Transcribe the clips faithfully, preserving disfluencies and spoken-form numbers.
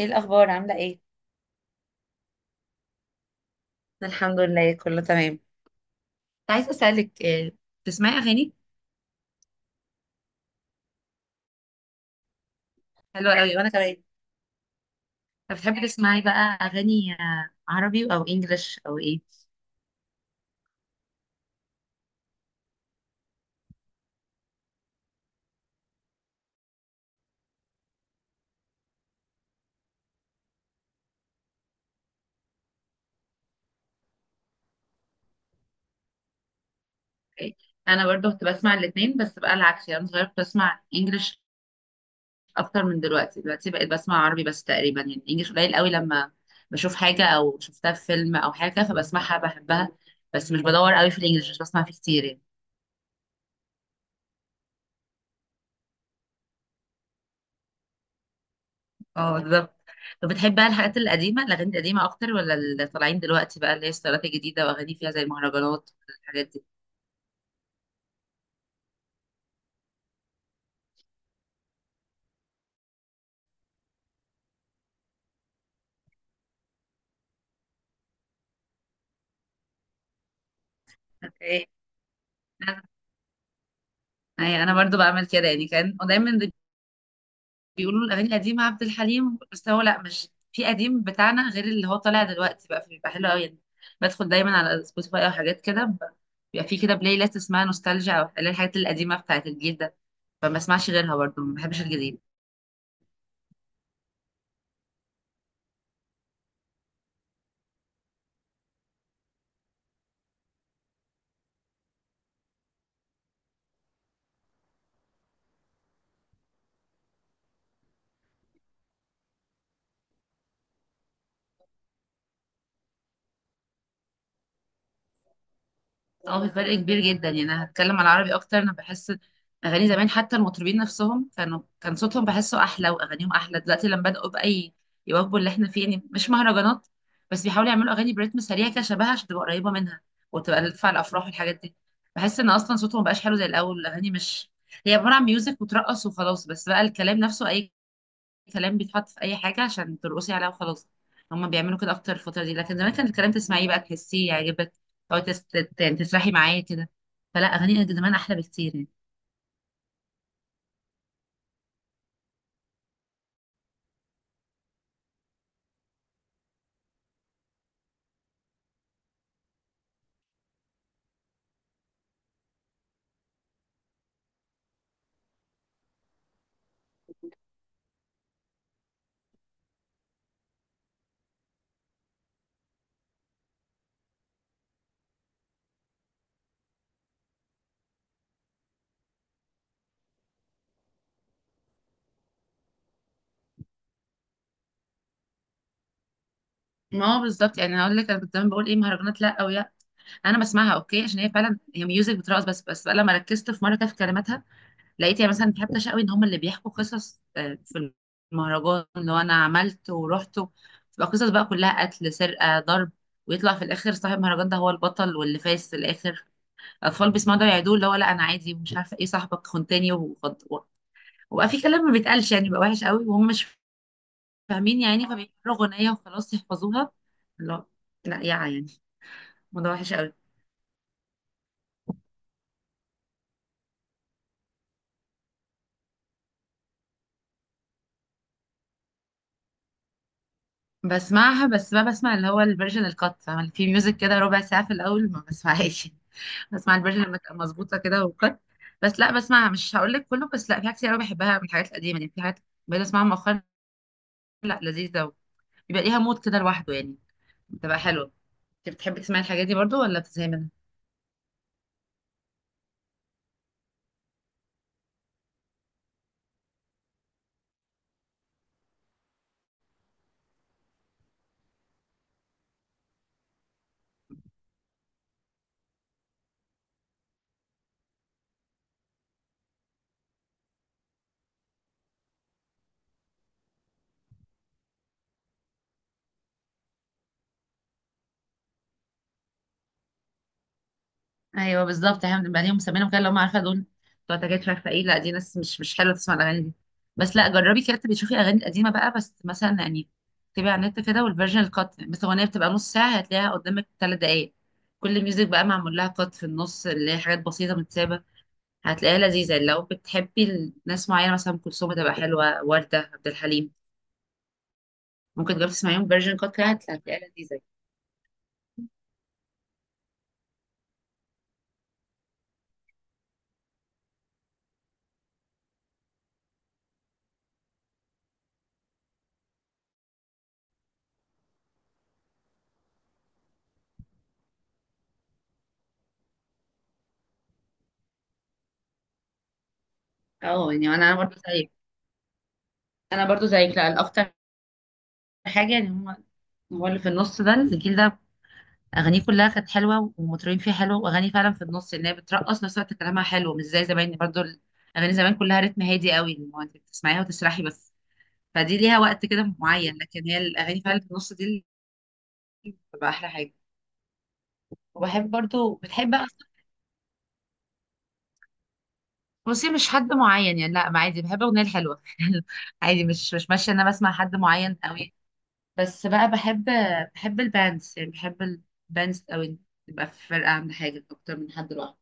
ايه الاخبار؟ عامله ايه؟ الحمد لله، كله تمام. كنت عايزه اسالك، آه، بتسمعي اغاني؟ حلوه قوي، وانا كمان. طب بتحبي تسمعي بقى اغاني آه، عربي او انجليش او ايه؟ إيه؟ انا برضو كنت بسمع الاثنين، بس بقى العكس يعني. أنا صغيره كنت بسمع انجليش اكتر من دلوقتي. دلوقتي بقيت بسمع عربي بس تقريبا، يعني انجليش قليل قوي لما بشوف حاجه او شفتها في فيلم او حاجه فبسمعها بحبها. بس مش بدور قوي في الانجليش، مش بسمع فيه كتير يعني. اه بالظبط. طب بتحب بقى الحاجات القديمة الأغاني القديمة أكتر ولا اللي طالعين دلوقتي بقى، اللي هي الستايلات الجديدة وأغاني فيها زي المهرجانات والحاجات دي؟ اوكي. أي أنا برضو بعمل كده يعني. كان دايما بيقولوا الأغاني القديمة عبد الحليم، بس هو لأ، مش في قديم بتاعنا غير اللي هو طالع دلوقتي بقى، فبيبقى حلو أوي يعني. بدخل دايما على سبوتيفاي أو حاجات كده ب- بيبقى في كده بلاي ليست اسمها نوستالجيا، أو اللي هي الحاجات القديمة بتاعت الجيل ده، فما اسمعش غيرها برضو، ما بحبش الجديد. اه في فرق كبير جدا يعني. انا هتكلم على العربي اكتر. انا بحس اغاني زمان حتى المطربين نفسهم كانوا كان صوتهم بحسه احلى واغانيهم احلى. دلوقتي لما بداوا بقى ي- يواكبوا اللي احنا فيه، يعني مش مهرجانات بس بيحاولوا يعملوا اغاني برتم سريع كده شبهها عشان تبقى قريبه منها وتبقى تدفع الافراح والحاجات دي. بحس ان اصلا صوتهم مبقاش حلو زي الاول. الاغاني مش هي عباره عن ميوزك وترقص وخلاص، بس بقى الكلام نفسه اي كلام بيتحط في اي حاجه عشان ترقصي عليها وخلاص. هما بيعملوا كده اكتر الفتره دي، لكن زمان كان الكلام تسمعيه بقى تحسيه يعجبك، او تس... تت- يعني تسرحي معاه كده. فلا اغاني زمان احلى بكتير يعني. ما هو بالظبط يعني. هقول لك انا كنت زمان بقول ايه مهرجانات؟ لا. او يا انا بسمعها اوكي، عشان هي فعلا هي ميوزك بترقص بس بس بقى لما ركزت في مره كده في كلماتها لقيت يعني مثلا حتى شقوي ان هم اللي بيحكوا قصص، آه، في المهرجان اللي هو انا عملت ورحت. تبقى قصص بقى كلها قتل، سرقه، ضرب. ويطلع في الاخر صاحب المهرجان ده هو البطل واللي فايز في الاخر. الاطفال بيسمعوا ده يعيدوه اللي هو لا انا عادي مش عارفه ايه، صاحبك خنتاني وخد- و- وبقى في كلام ما بيتقالش يعني، بقى وحش قوي وهم مش فاهمين يعني، فبيقروا اغنيه وخلاص يحفظوها. لا. لا يا يعني. الموضوع وحش قوي. بسمعها بس ما بسمع اللي هو الفيرجن الكات، فاهمة؟ في ميوزك كده ربع ساعه في الاول، ما بسمعهاش. بسمع الفيرجن لما تبقى مظبوطه كده وكات. بس لا بسمعها، مش هقول لك كله، بس لا في حاجات كتير قوي بحبها من الحاجات القديمه يعني. في حاجات بقيت اسمعها مؤخرا، لا لذيذه. بيبقى ليها مود كده لوحده يعني. بتبقى حلوه. انت بتحبي تسمعي الحاجات دي برضو ولا بتزهقي منها؟ ايوه بالظبط. احنا بنبقى ليهم مسمينهم كده اللي هم، عارفه دول بتوع تجارب مش عارفه ايه. لا دي ناس مش مش حلوه تسمع الاغاني دي، بس لا جربي كده تبقي تشوفي اغاني قديمه بقى، بس مثلا يعني تبقي على النت كده والفيرجن القط، مثلا اغنيه بتبقى نص ساعه هتلاقيها قدامك ثلاث دقائق. كل ميوزك بقى معمول لها قط في النص، اللي هي حاجات بسيطه متسابه. هتلاقيها لذيذه لو بتحبي ناس معينه، مثلا ام كلثوم تبقى حلوه، ورده، عبد الحليم، ممكن تجربي تسمعيهم فيرجن قط كده، هت- هتلاقيها لذيذه. اه يعني انا برضو زيك. انا برضو زيك لا الاكتر حاجه يعني هم، هو اللي في النص ده الجيل ده اغانيه كلها كانت حلوه والمطربين فيها حلوه، واغاني فعلا في النص ان هي بترقص نفس الوقت كلامها حلو، مش زي زمان برضو. اغاني زمان كلها رتم هادي قوي، اللي هو انت بتسمعيها وتسرحي بس، فدي ليها وقت كده معين. لكن هي الاغاني فعلا في النص دي اللي بتبقى احلى حاجه. وبحب برضو بتحب أصلاً- بصي مش حد معين يعني، لا ما عادي بحب الاغنيه الحلوه. عادي، مش مش ماشيه ان انا بسمع حد معين قوي، بس بقى بحب بحب الباندز يعني، بحب الباندز قوي، تبقى في فرقه عند حاجه اكتر من حد لوحده.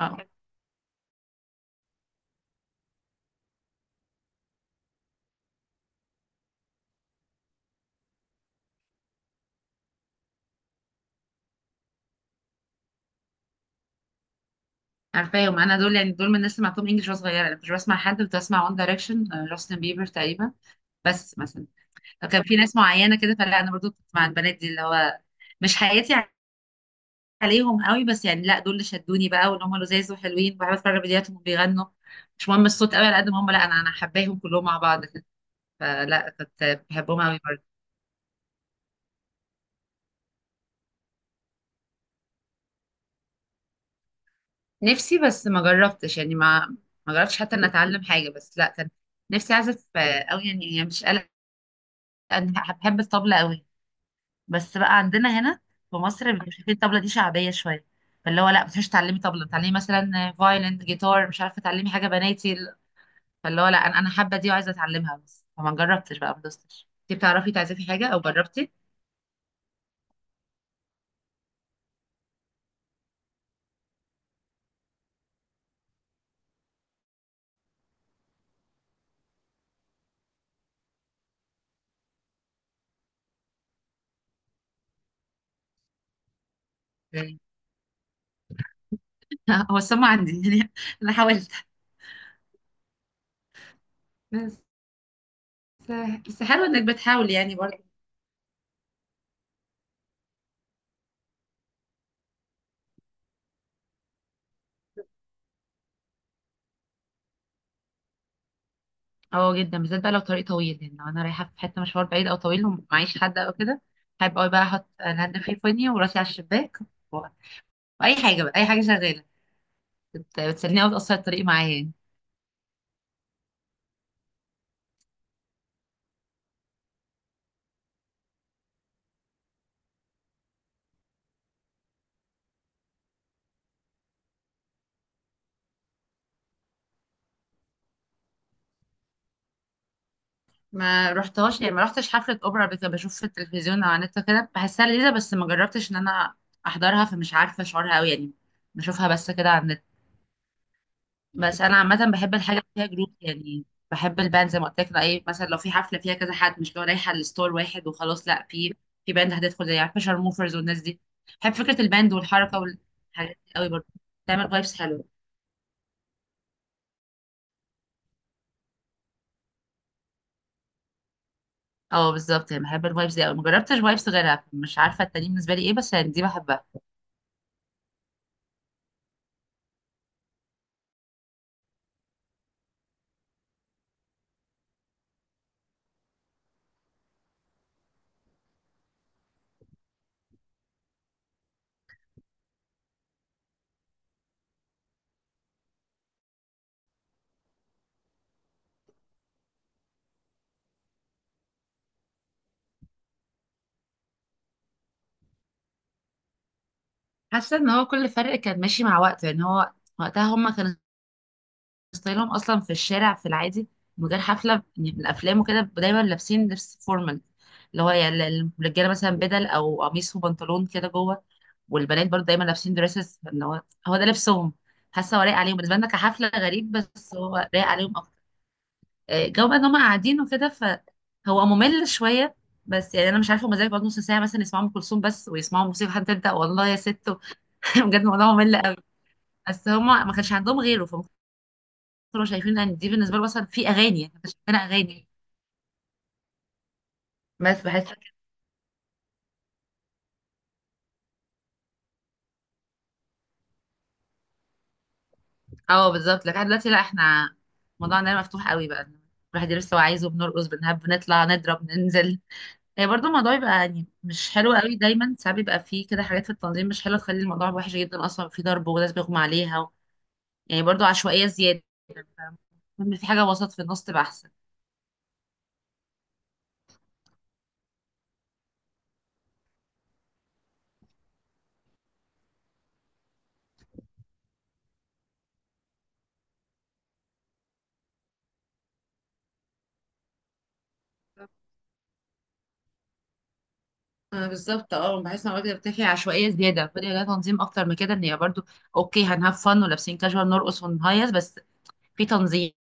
اه عارفاهم انا دول. يعني دول من الناس اللي سمعتهم انجلش وانا صغيره. انا كنت بسمع حد، كنت بسمع وان دايركشن، جاستن بيبر تقريبا، بس مثلا فكان في ناس معينه كده. فلا انا برضو كنت مع البنات دي اللي هو مش حياتي عليهم قوي، بس يعني لا دول اللي شدوني بقى وان هم لذاذ وحلوين، بحب اتفرج على فيديوهاتهم وبيغنوا. مش مهم الصوت قوي على قد ما هم، لا انا انا حباهم كلهم مع بعض كده، فلا كنت بحبهم قوي برضو. نفسي بس ما جربتش يعني. ما ما جربتش حتى ان اتعلم حاجه، بس لا كان نفسي اعزف آه، قوي يعني يعني مش قلق. انا بحب الطبلة قوي، بس بقى عندنا هنا في مصر بيبقوا شايفين الطبلة دي شعبية شوية، فاللي هو لا ما تروحيش تعلمي طبلة، تعلمي مثلا فايلن، جيتار، مش عارفة تعلمي حاجة بناتي. فاللي هو لا انا انا حابة دي وعايزة اتعلمها، بس فما جربتش بقى، ما دوستش. انتي بتعرفي تعزفي حاجة او جربتي؟ يعني هو السم عندي يعني انا حاولت بس. بس حلو انك بتحاول يعني برضه. اه جدا، بالذات بقى لو طريق طويل، يعني لو انا رايحة في حتة مشوار بعيد او طويل ومعيش حد او كده، هيبقى بقى احط الهاند فري في ودني وراسي على الشباك و- واي حاجة بقى، اي حاجة شغالة بت- بتسليني أوي بتقصر الطريق معايا. ما رحتهاش يعني، ما رحتش حفلة أوبرا قبل كده. بشوف في التلفزيون أو على النت كده بحسها لذيذة، بس ما جربتش إن أنا أحضرها، فمش عارفة شعورها أوي يعني. بشوفها بس كده على النت. بس أنا عامة بحب الحاجة اللي فيها جروب يعني، بحب الباند زي ما قلت لك. أي مثلا لو في حفلة فيها كذا حد، مش لو رايحة الستور واحد وخلاص لأ، في في باند هتدخل زي، عارفة شارموفرز والناس دي. بحب فكرة الباند والحركة والحاجات دي أوي برضه. بتعمل فايبس حلوة. اه بالظبط يعني بحب الفايبس دي أوي، مجربتش فايبس غيرها، مش عارفة التانيين بالنسبة لي ايه، بس يعني دي بحبها. حاسه ان هو كل فرق كان ماشي مع وقته يعني. هو وقتها هم كانوا ستايلهم اصلا في الشارع في العادي من غير حفله يعني، من الافلام وكده دايما لابسين لبس فورمال، اللي هو يعني ال- الرجاله مثلا بدل او قميص وبنطلون كده جوه، والبنات برضه دايما لابسين دريسز. اللي هو هو ده لبسهم. حاسه هو لايق عليهم، بالنسبه لنا كحفله غريب، بس هو لايق عليهم اكتر. آه، جو بقى ان هم قاعدين وكده، فهو ممل شويه. بس يعني انا مش عارفه هما ازاي بيقعدوا نص ساعه مثلا يسمعوا ام كلثوم بس، ويسمعوا موسيقى حد تبدا، والله يا ست. بجد الموضوع ممل قوي. بس هما ما كانش عندهم غيره، فهم كانوا شايفين ان دي بالنسبه لهم مثلا في اغاني يعني، كانت شايفينها اغاني. بس بحس. اه بالظبط. لكن دلوقتي لا، احنا موضوعنا ده مفتوح قوي بقى. الواحد يدرس اللي هو عايزه، بنرقص، بنهب، بنطلع، نضرب، ننزل. هي برضه الموضوع يبقى يعني مش حلو قوي دايما، ساعات بيبقى فيه كده حاجات في التنظيم مش حلوه تخلي الموضوع وحش جدا. اصلا في ضرب وناس بيغمى عليها و... يعني برضه عشوائيه زياده. فاهمة؟ في حاجه وسط في النص تبقى احسن. آه بالظبط. اه بحس ان الوجبه بتاعي عشوائيه زياده، فدي لها تنظيم اكتر من كده، ان هي برضو اوكي هنهاف فن ولابسين كاجوال نرقص ونهيص بس في تنظيم،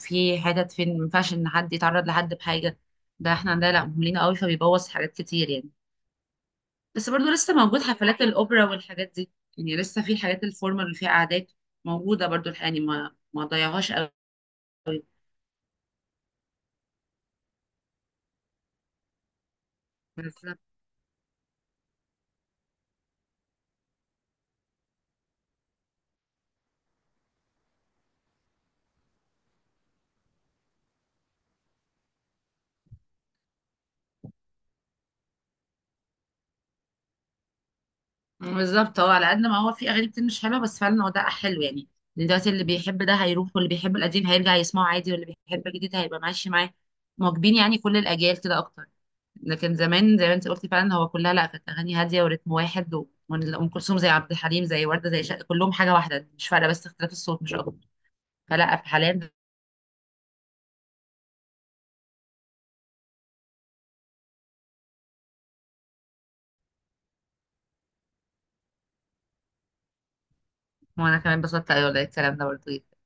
في حتت فين ما ينفعش ان حد يتعرض لحد بحاجه. ده احنا عندنا لا، مهملين قوي فبيبوظ حاجات كتير يعني. بس برضو لسه موجود حفلات الاوبرا والحاجات دي. يعني لسه في حاجات الفورمال اللي فيها قعدات موجوده برضو الحقيقة يعني. ما ما ضيعهاش قوي. بالظبط هو على قد ما هو في اغاني كتير مش حلوه، بس فعلا هو ده حلو يعني. دلوقتي اللي بيحب ده هيروح، واللي بيحب القديم هيرجع يسمعه عادي، واللي بيحب الجديد هيبقى ماشي معاه مواكبين يعني، كل الاجيال كده اكتر. لكن زمان زي ما انت قلتي، فعلا هو كلها لا كانت اغاني هاديه ورتم واحد و- ام كلثوم زي عبد الحليم زي ورده زي شق، كلهم حاجه واحده مش فارقه، بس اختلاف الصوت مش اكتر. فلا حاليا. وانا كمان بسطت، ايوه، الكلام ده برضه.